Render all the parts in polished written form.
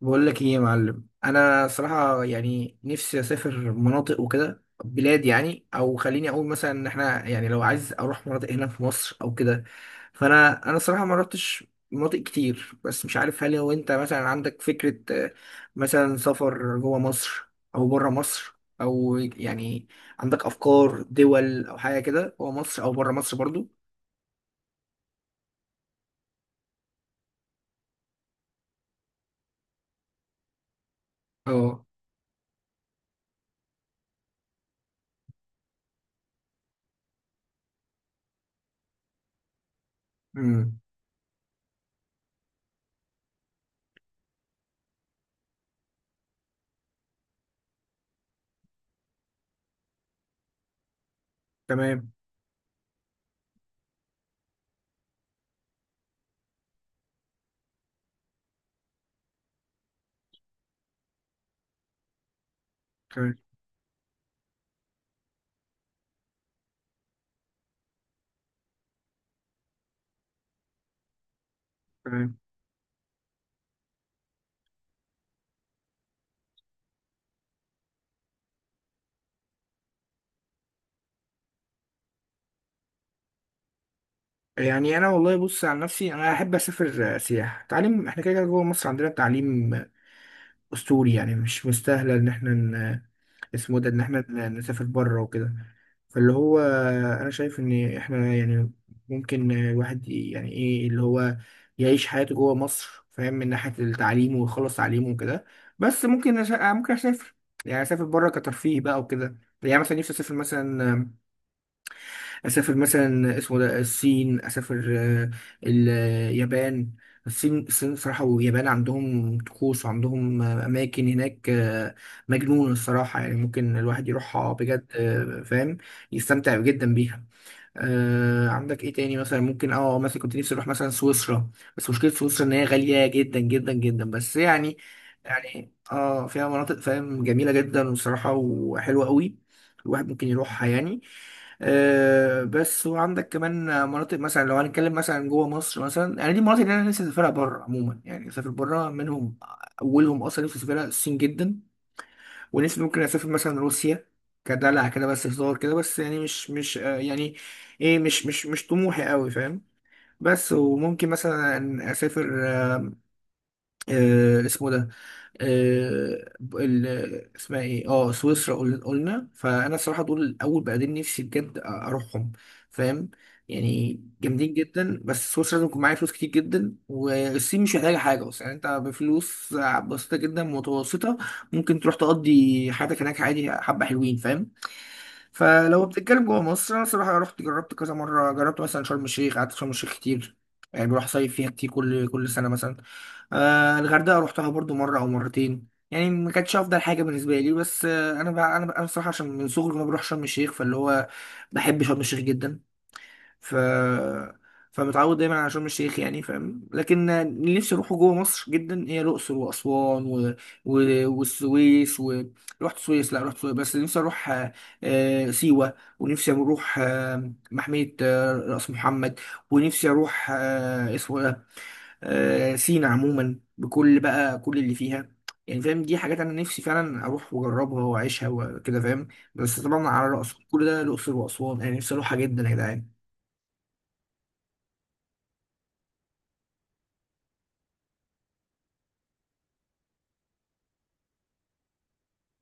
بقول لك ايه يا معلم، انا صراحه يعني نفسي اسافر مناطق وكده، بلاد يعني. او خليني اقول مثلا ان احنا يعني لو عايز اروح مناطق هنا في مصر او كده. فانا صراحه ما رحتش مناطق كتير، بس مش عارف. هل لو انت مثلا عندك فكره آه، مثلا سفر جوه مصر او بره مصر، او يعني عندك افكار دول او حاجه كده جوه مصر او بره مصر برضو؟ اه. امم. تمام. تمام. تمام. يعني انا والله بص، عن نفسي انا احب اسافر سياحه تعليم. احنا كده كده جوه مصر عندنا التعليم اسطوري، يعني مش مستاهله ان احنا اسمه إيه ده، ان احنا نسافر بره وكده. فاللي هو انا شايف ان احنا يعني ممكن الواحد يعني ايه اللي هو يعيش حياته جوه مصر، فاهم، من ناحيه التعليم ويخلص تعليمه وكده. بس ممكن أش... آه، ممكن اسافر، يعني اسافر بره كترفيه بقى وكده. يعني مثلا نفسي اسافر مثلا اسمه ده الصين، اسافر اليابان. الصين الصين صراحة واليابان عندهم طقوس، وعندهم أماكن هناك مجنونة الصراحة، يعني ممكن الواحد يروحها بجد فاهم، يستمتع جدا بيها. عندك ايه تاني مثلا؟ ممكن مثلا كنت نفسي اروح مثلا سويسرا. بس مشكله سويسرا ان هي غاليه جدا جدا جدا، بس يعني، يعني فيها مناطق، فاهم، جميله جدا وصراحه وحلوه قوي، الواحد ممكن يروحها يعني. بس وعندك كمان مناطق. مثلا لو هنتكلم مثلا جوه مصر، مثلا يعني دي المناطق اللي انا نفسي اسافرها بره عموما، يعني اسافر بره منهم. اولهم اصلا نفسي اسافرها الصين جدا، ونفسي ممكن اسافر مثلا روسيا، كدلع كده، بس هزار كده. بس يعني مش مش آه، يعني ايه، مش طموحي قوي، فاهم. بس وممكن مثلا اسافر اسمه ده آه، ال- اسمها ايه سويسرا، قلنا. فانا الصراحه دول اول بلدين نفسي بجد اروحهم، فاهم. يعني جامدين جدا. بس سويسرا لازم يكون معايا فلوس كتير جدا، والصين مش محتاجه حاجه اصلا، يعني انت بفلوس بسيطه جدا متوسطه ممكن تروح تقضي حياتك هناك عادي، حبه حلوين، فاهم. فلو بتتكلم جوه مصر، انا الصراحه رحت جربت كذا مره. جربت مثلا شرم الشيخ، قعدت في شرم الشيخ كتير، يعني بروح صيف فيها كتير كل سنه مثلا. الغردقه روحتها برضو مره او مرتين، يعني ما كانتش افضل حاجه بالنسبه لي. بس انا بقى بصراحه، عشان من صغري وانا بروح شرم الشيخ، فاللي هو بحب شرم الشيخ جدا. ف فمتعود دايما على شرم الشيخ، يعني فاهم. لكن اللي نفسي اروحه جوه مصر جدا هي الاقصر واسوان والسويس رحت السويس، لا رحت السويس. بس نفسي اروح سيوه، ونفسي اروح محميه راس محمد، ونفسي اروح اسمه سينا عموما، بكل بقى كل اللي فيها، يعني فاهم. دي حاجات انا نفسي فعلا اروح واجربها واعيشها وكده، فاهم. بس طبعا على رأس كل ده الاقصر واسوان انا نفسي اروحها جدا يا جدعان.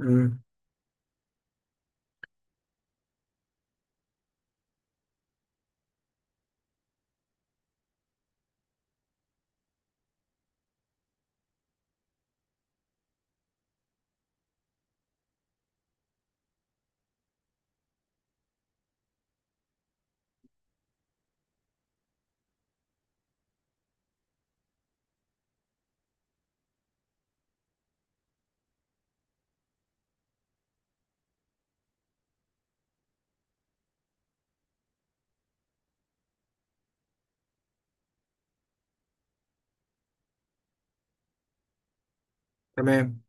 امم. تمام.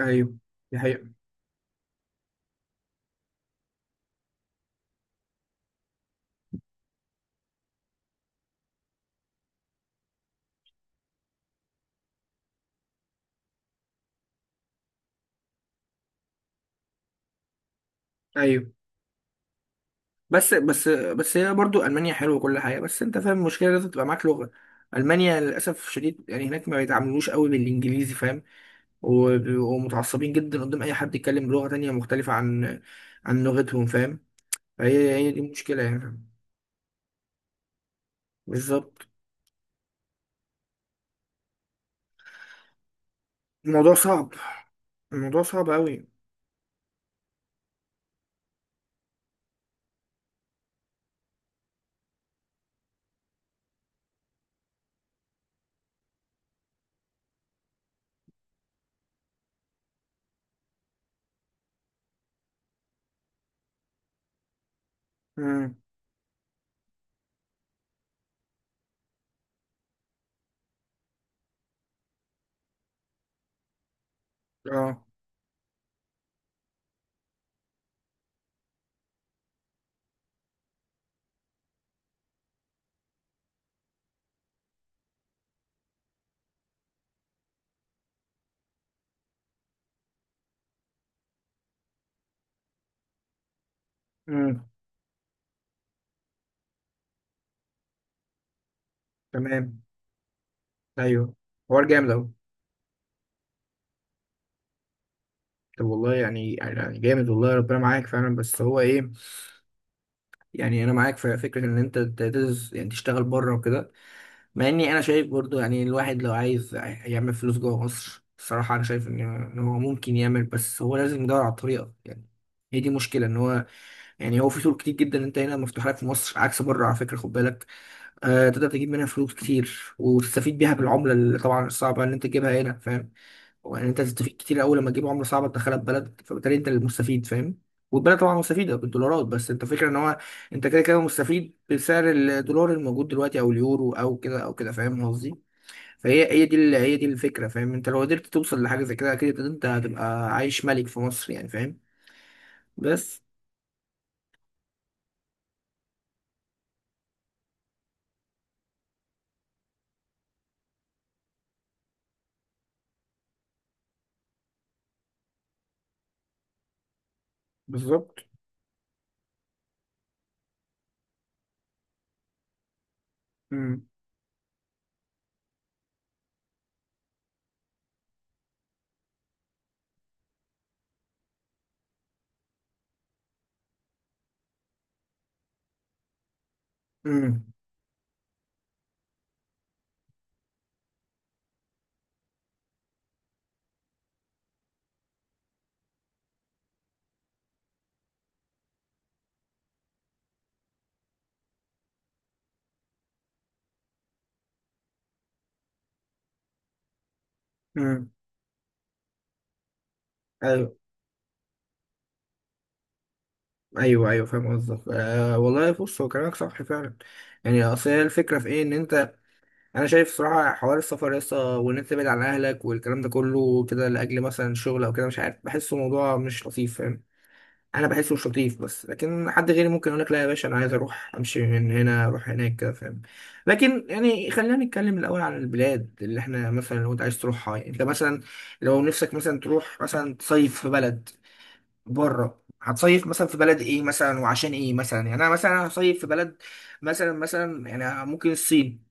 ايوه. دي حقيقة. ايوه، بس هي برضو المانيا حلوه وكل حاجه. بس انت فاهم المشكله، لازم تبقى معاك لغه. المانيا للاسف الشديد يعني هناك ما بيتعاملوش قوي بالانجليزي، فاهم. وبيبقوا متعصبين جدا قدام اي حد يتكلم بلغه تانية مختلفه عن لغتهم، فاهم. فهي هي دي المشكله، يعني بالظبط. الموضوع صعب. الموضوع صعب أوي. امم. اه. امم. تمام. أيوه. حوار جامد أوي. طب والله، يعني جامد، والله ربنا معاك فعلا. بس هو إيه، يعني أنا معاك في فكرة إن أنت تدرس يعني تشتغل بره وكده. مع إني أنا شايف برضو يعني الواحد لو عايز يعمل فلوس جوه مصر، الصراحة أنا شايف إن هو ممكن يعمل. بس هو لازم يدور على الطريقة يعني. هي دي مشكلة إن هو، يعني هو في طرق كتير جدا أنت هنا مفتوحة لك في مصر، عكس بره، على فكرة خد بالك، تقدر تجيب منها فلوس كتير وتستفيد بيها، بالعملة اللي طبعا الصعبة ان انت تجيبها هنا، فاهم. وان انت تستفيد كتير، اول لما تجيب عملة صعبة تدخلها ببلد، فبالتالي انت المستفيد، فاهم. والبلد طبعا مستفيدة بالدولارات، بس انت فكرة ان هو انت كده كده مستفيد بسعر الدولار الموجود دلوقتي، او اليورو او كده او كده، فاهم قصدي. فهي هي دي الفكرة، فاهم. انت لو قدرت توصل لحاجة زي كده، اكيد انت هتبقى عايش ملك في مصر، يعني فاهم. بس بالظبط. امم. امم. امم. ايوه. ايوه، فاهم قصدك. أه والله بص، هو كلامك صح فعلا، يعني اصل هي الفكره في ايه ان انت، انا شايف صراحه حوار السفر لسه، وان انت تبعد عن اهلك والكلام ده كله كده لاجل مثلا شغل او كده، مش عارف، بحسه موضوع مش لطيف، فاهم. انا بحسه مش لطيف. بس لكن حد غيري ممكن يقول لك لا يا باشا انا عايز اروح، امشي من هنا اروح هناك كده، فاهم. لكن يعني خلينا نتكلم الاول عن البلاد اللي احنا مثلا لو انت عايز تروحها. يعني انت مثلا لو نفسك مثلا تروح مثلا تصيف في بلد بره، هتصيف مثلا في بلد ايه مثلا، وعشان ايه مثلا؟ يعني انا مثلا هصيف في بلد مثلا يعني ممكن الصين،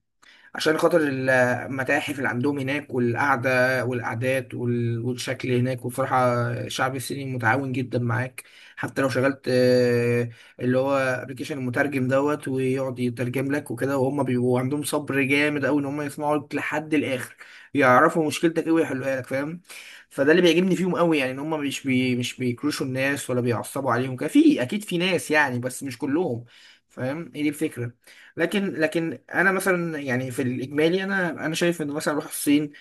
عشان خاطر المتاحف اللي عندهم هناك والقعدة والقعدات والشكل هناك، وبصراحة الشعب الصيني متعاون جدا معاك. حتى لو شغلت اللي هو ابلكيشن المترجم دوت، ويقعد يترجم لك وكده، وهم بيبقوا عندهم صبر جامد قوي ان هم يسمعوا لك لحد الاخر، يعرفوا مشكلتك ايه ويحلوها لك، فاهم. فده اللي بيعجبني فيهم قوي يعني، ان هم مش بيكروشوا الناس ولا بيعصبوا عليهم كده. في اكيد في ناس يعني، بس مش كلهم، فاهم. هي دي الفكرة. لكن انا مثلا يعني في الاجمالي انا شايف ان مثلا اروح الصين،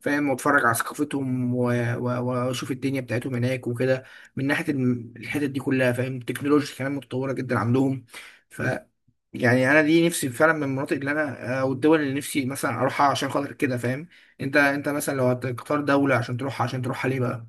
فاهم، واتفرج على ثقافتهم واشوف الدنيا بتاعتهم هناك وكده، من ناحيه الحتت دي كلها، فاهم. التكنولوجيا كمان متطوره جدا عندهم. ف يعني انا دي نفسي فعلا من المناطق اللي انا او الدول اللي نفسي مثلا اروحها عشان خاطر كده، فاهم. انت مثلا لو هتختار دوله عشان تروحها ليه بقى؟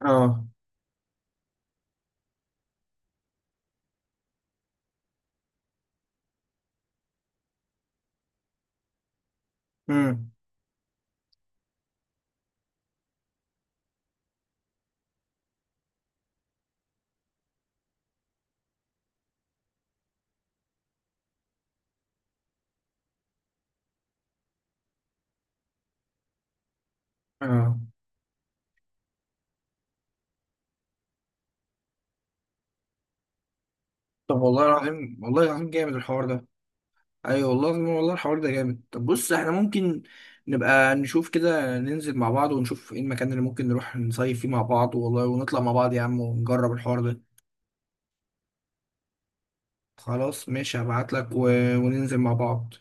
اه. امم. اه. طب والله العظيم، والله العظيم جامد الحوار ده. ايوه والله العظيم، والله الحوار ده جامد. طب بص، احنا ممكن نبقى نشوف كده، ننزل مع بعض ونشوف ايه المكان اللي ممكن نروح نصيف فيه مع بعض، والله، ونطلع مع بعض يا عم ونجرب الحوار ده. خلاص ماشي، هبعت لك و... وننزل مع بعض.